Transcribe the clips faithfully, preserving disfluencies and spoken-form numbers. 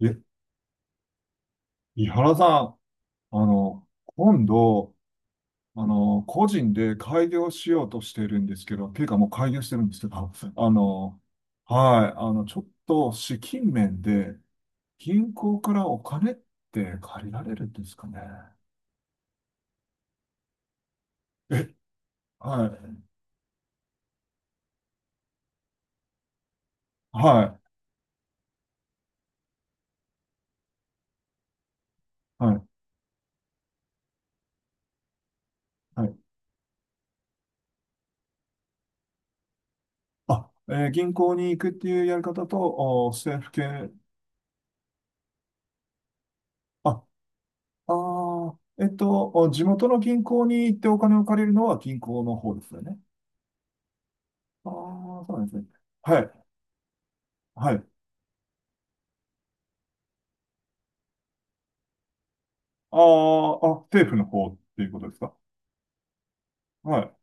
え、井原さん、あの、今度、あの、個人で開業しようとしているんですけど、っていうかもう開業してるんですけど、あの、はい、あの、ちょっと資金面で銀行からお金って借りられるんですかね。え、はい、はい、はい、はい。あ、えー銀行に行くっていうやり方と、お政府系、あ、あー、えっと、お地元の銀行に行ってお金を借りるのは銀行の方ですよね。ああ、そうなんですね。はい。はい。ああ、あ、政府の方っていうことですか？は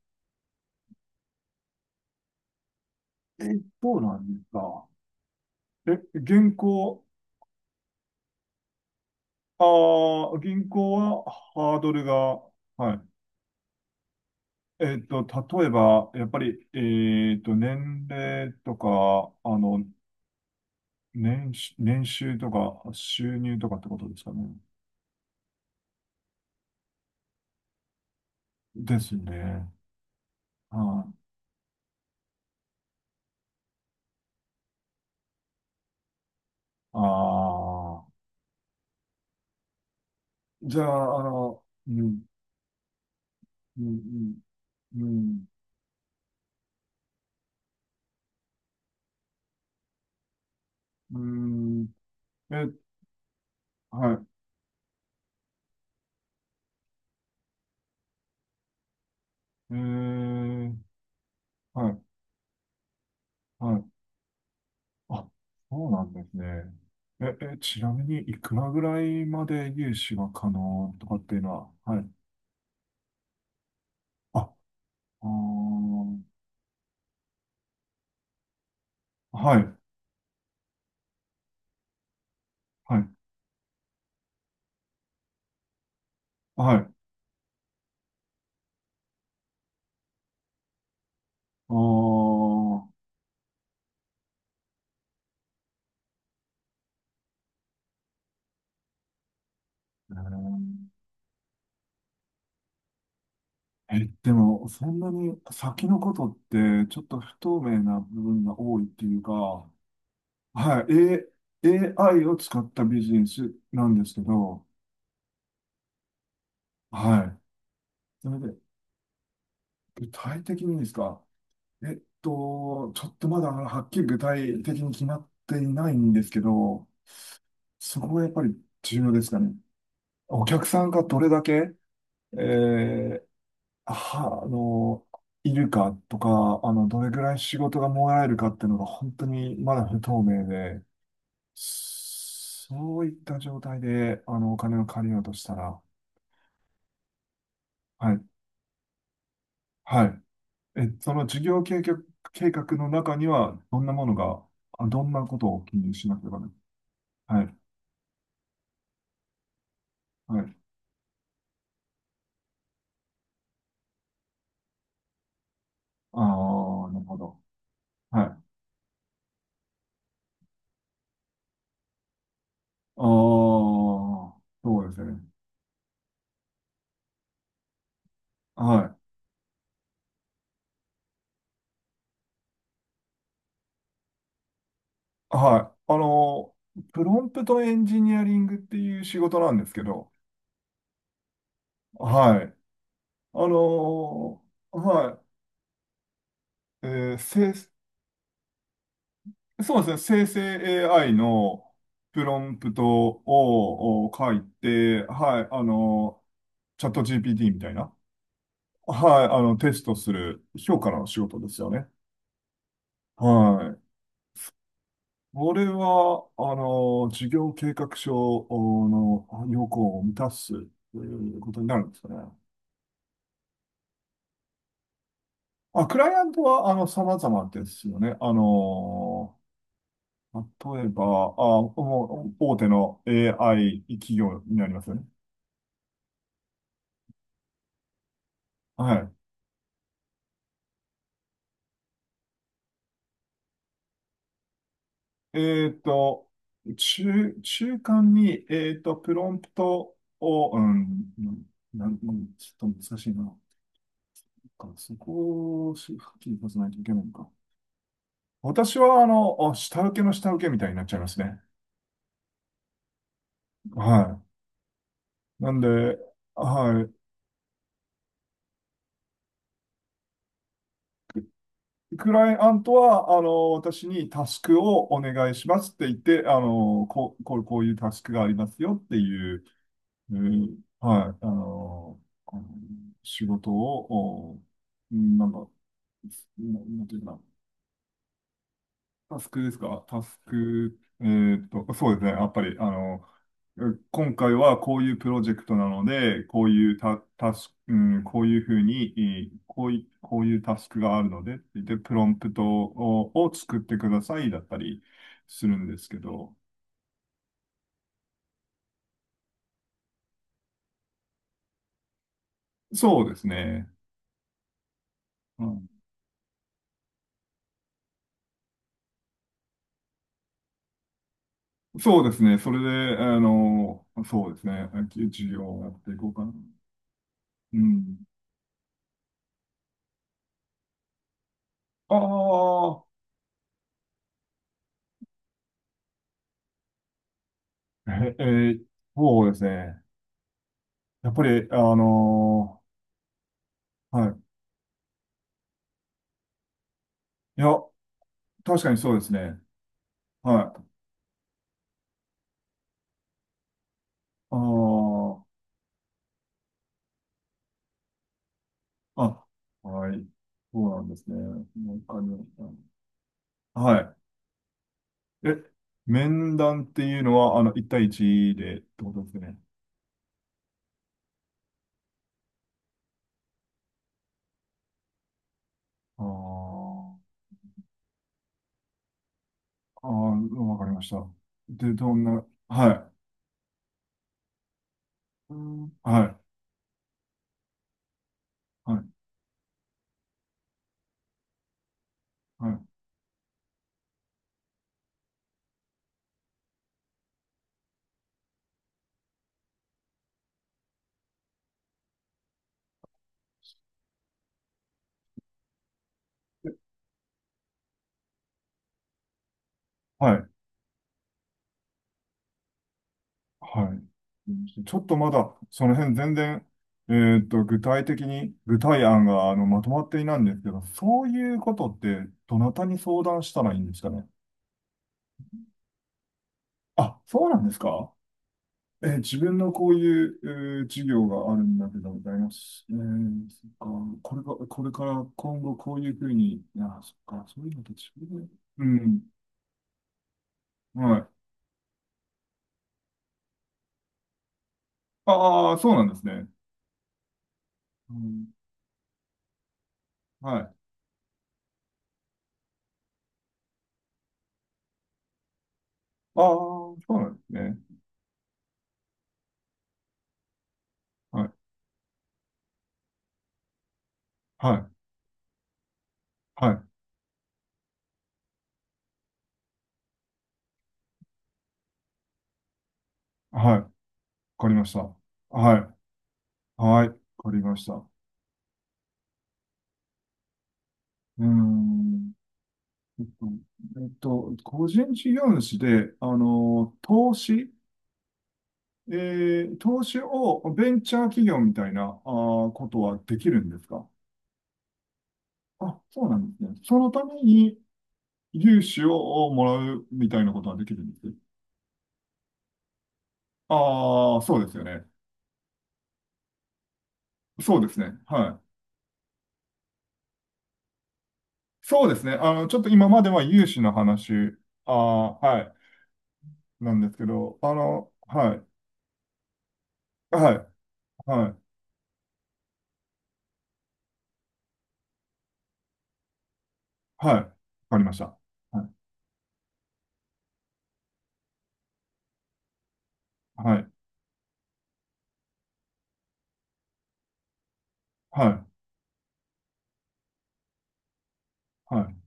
い。え、そうなんですか。え、銀行、ああ、銀行はハードルが、はい。えっと、例えば、やっぱり、えっと、年齢とか、あの、年収、年収とか、収入とかってことですかね。ですね。はい。ああ、じゃあ、あの、うん、うん、うん、うん。うんえっはい。えー、はい、はい。あ、そうなんですね。え、え、ちなみに、いくらぐらいまで融資が可能とかっていうのは、はい。あ、あー、はい、はい、はい。あー、えーえ、でも、そんなに先のことって、ちょっと不透明な部分が多いっていうか、はい、A、エーアイ を使ったビジネスなんですけど、はい。それで、具体的にですか？えっと、ちょっとまだはっきり具体的に決まっていないんですけど、そこがやっぱり重要ですかね。お客さんがどれだけ、えーは、あの、いるかとか、あの、どれぐらい仕事がもらえるかっていうのが本当にまだ不透明で、そういった状態で、あの、お金を借りようとしたら、はい、はい。え、その事業計画、計画の中には、どんなものが、あどんなことを記入しなければね。はい。はいああ、なるほど。はい。ああ、そうですね。はい。はい。あの、プロンプトエンジニアリングっていう仕事なんですけど、はい。あの、はい。えー生そうですね。生成 エーアイ のプロンプトをを書いて、はい。あの、チャット ジーピーティー みたいな、はい。あの、テストする評価の仕事ですよね。はい。俺は、あの、事業計画書の要項を満たすということになるんですよね。まあ、クライアントは、あの、様々ですよね。あの、例えば、あ、もう大手の エーアイ 企業になりますよね。はい。えっと、中、中間に、えっと、プロンプトを、うん、なん、なんちょっと難しいな。そこをしはっきり出さないといけないのか。私は、あの、あ下請けの下請けみたいになっちゃいますね。はい。なんで、はい。ククライアントは、あの、私にタスクをお願いしますって言って、あの、こう、こう、こういうタスクがありますよっていう、うんはい、あの、あの仕事を、おうんなんか、ななんていうかな、タスクですか？タスク、えーっと、そうですね。やっぱり、あの、う今回はこういうプロジェクトなので、こういうタ、タスク、うん、こういうふうに、えーこうい、こういうタスクがあるので、で、プロンプトを、を作ってくださいだったりするんですけど、そうですね。うんそうですね。それで、あの、そうですね。授業をやっていこうかな。うん。ああ、え、えーそうですね。やっぱり、あのーはい。いや、確かにそうですね。はい。あーあ、はい。そうなんですね。なんかねはい。え、面談っていうのは、あの、一対一でってことですね。あーあー、わかりました。で、どんな、はい。うんはい。はい。はい。はい。はい。ちょっとまだ、その辺全然、えーっと、具体的に、具体案が、あの、まとまっていないんですけど、そういうことって、どなたに相談したらいいんですかね。あ、そうなんですか？えー自分のこういう、えー事業があるんだけど、ございます。えー、そっか、これが、これから今後こういうふうに、あ、そっか、そういうのと自分で。うん、はい。ああ、そうなんですね。うん、はい。ああ、そうなんですね。はい、はい、はい、はい。わかりました。はい。はい。わかりました。うーん。えっと、えっと個人事業主で、あの、投資、えー投資をベンチャー企業みたいな、あーことはできるんですか？あ、そうなんですね。そのために融資をもらうみたいなことはできるんです。ああ、そうですよね。そうですね。はい。そうですね。あの、ちょっと今までは融資の話、ああ、はい、なんですけど、あの、はい、はい、はい。はい。わかりました。はい。はい。はい。はい。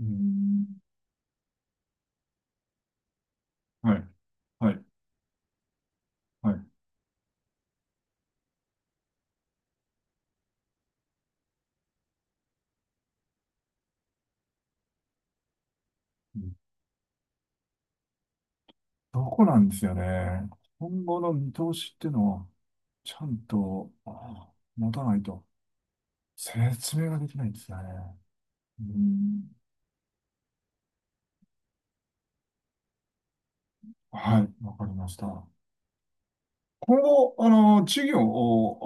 うーん。はい。はい。はい。うん。どこなんですよね。今後の見通しっていうのを、ちゃんと、あ持たないと、説明ができないんですよね。うーん。はい。わかりました。今後、あの、事業を、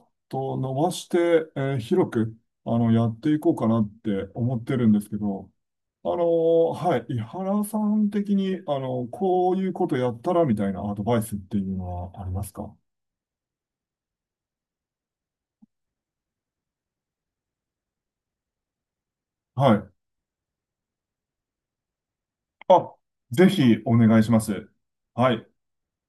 あの、と伸ばして、えー広く、あの、やっていこうかなって思ってるんですけど、あのーはい、井原さん的に、あのこういうことやったらみたいなアドバイスっていうのはありますか？はい。あ、ぜひお願いします。はい。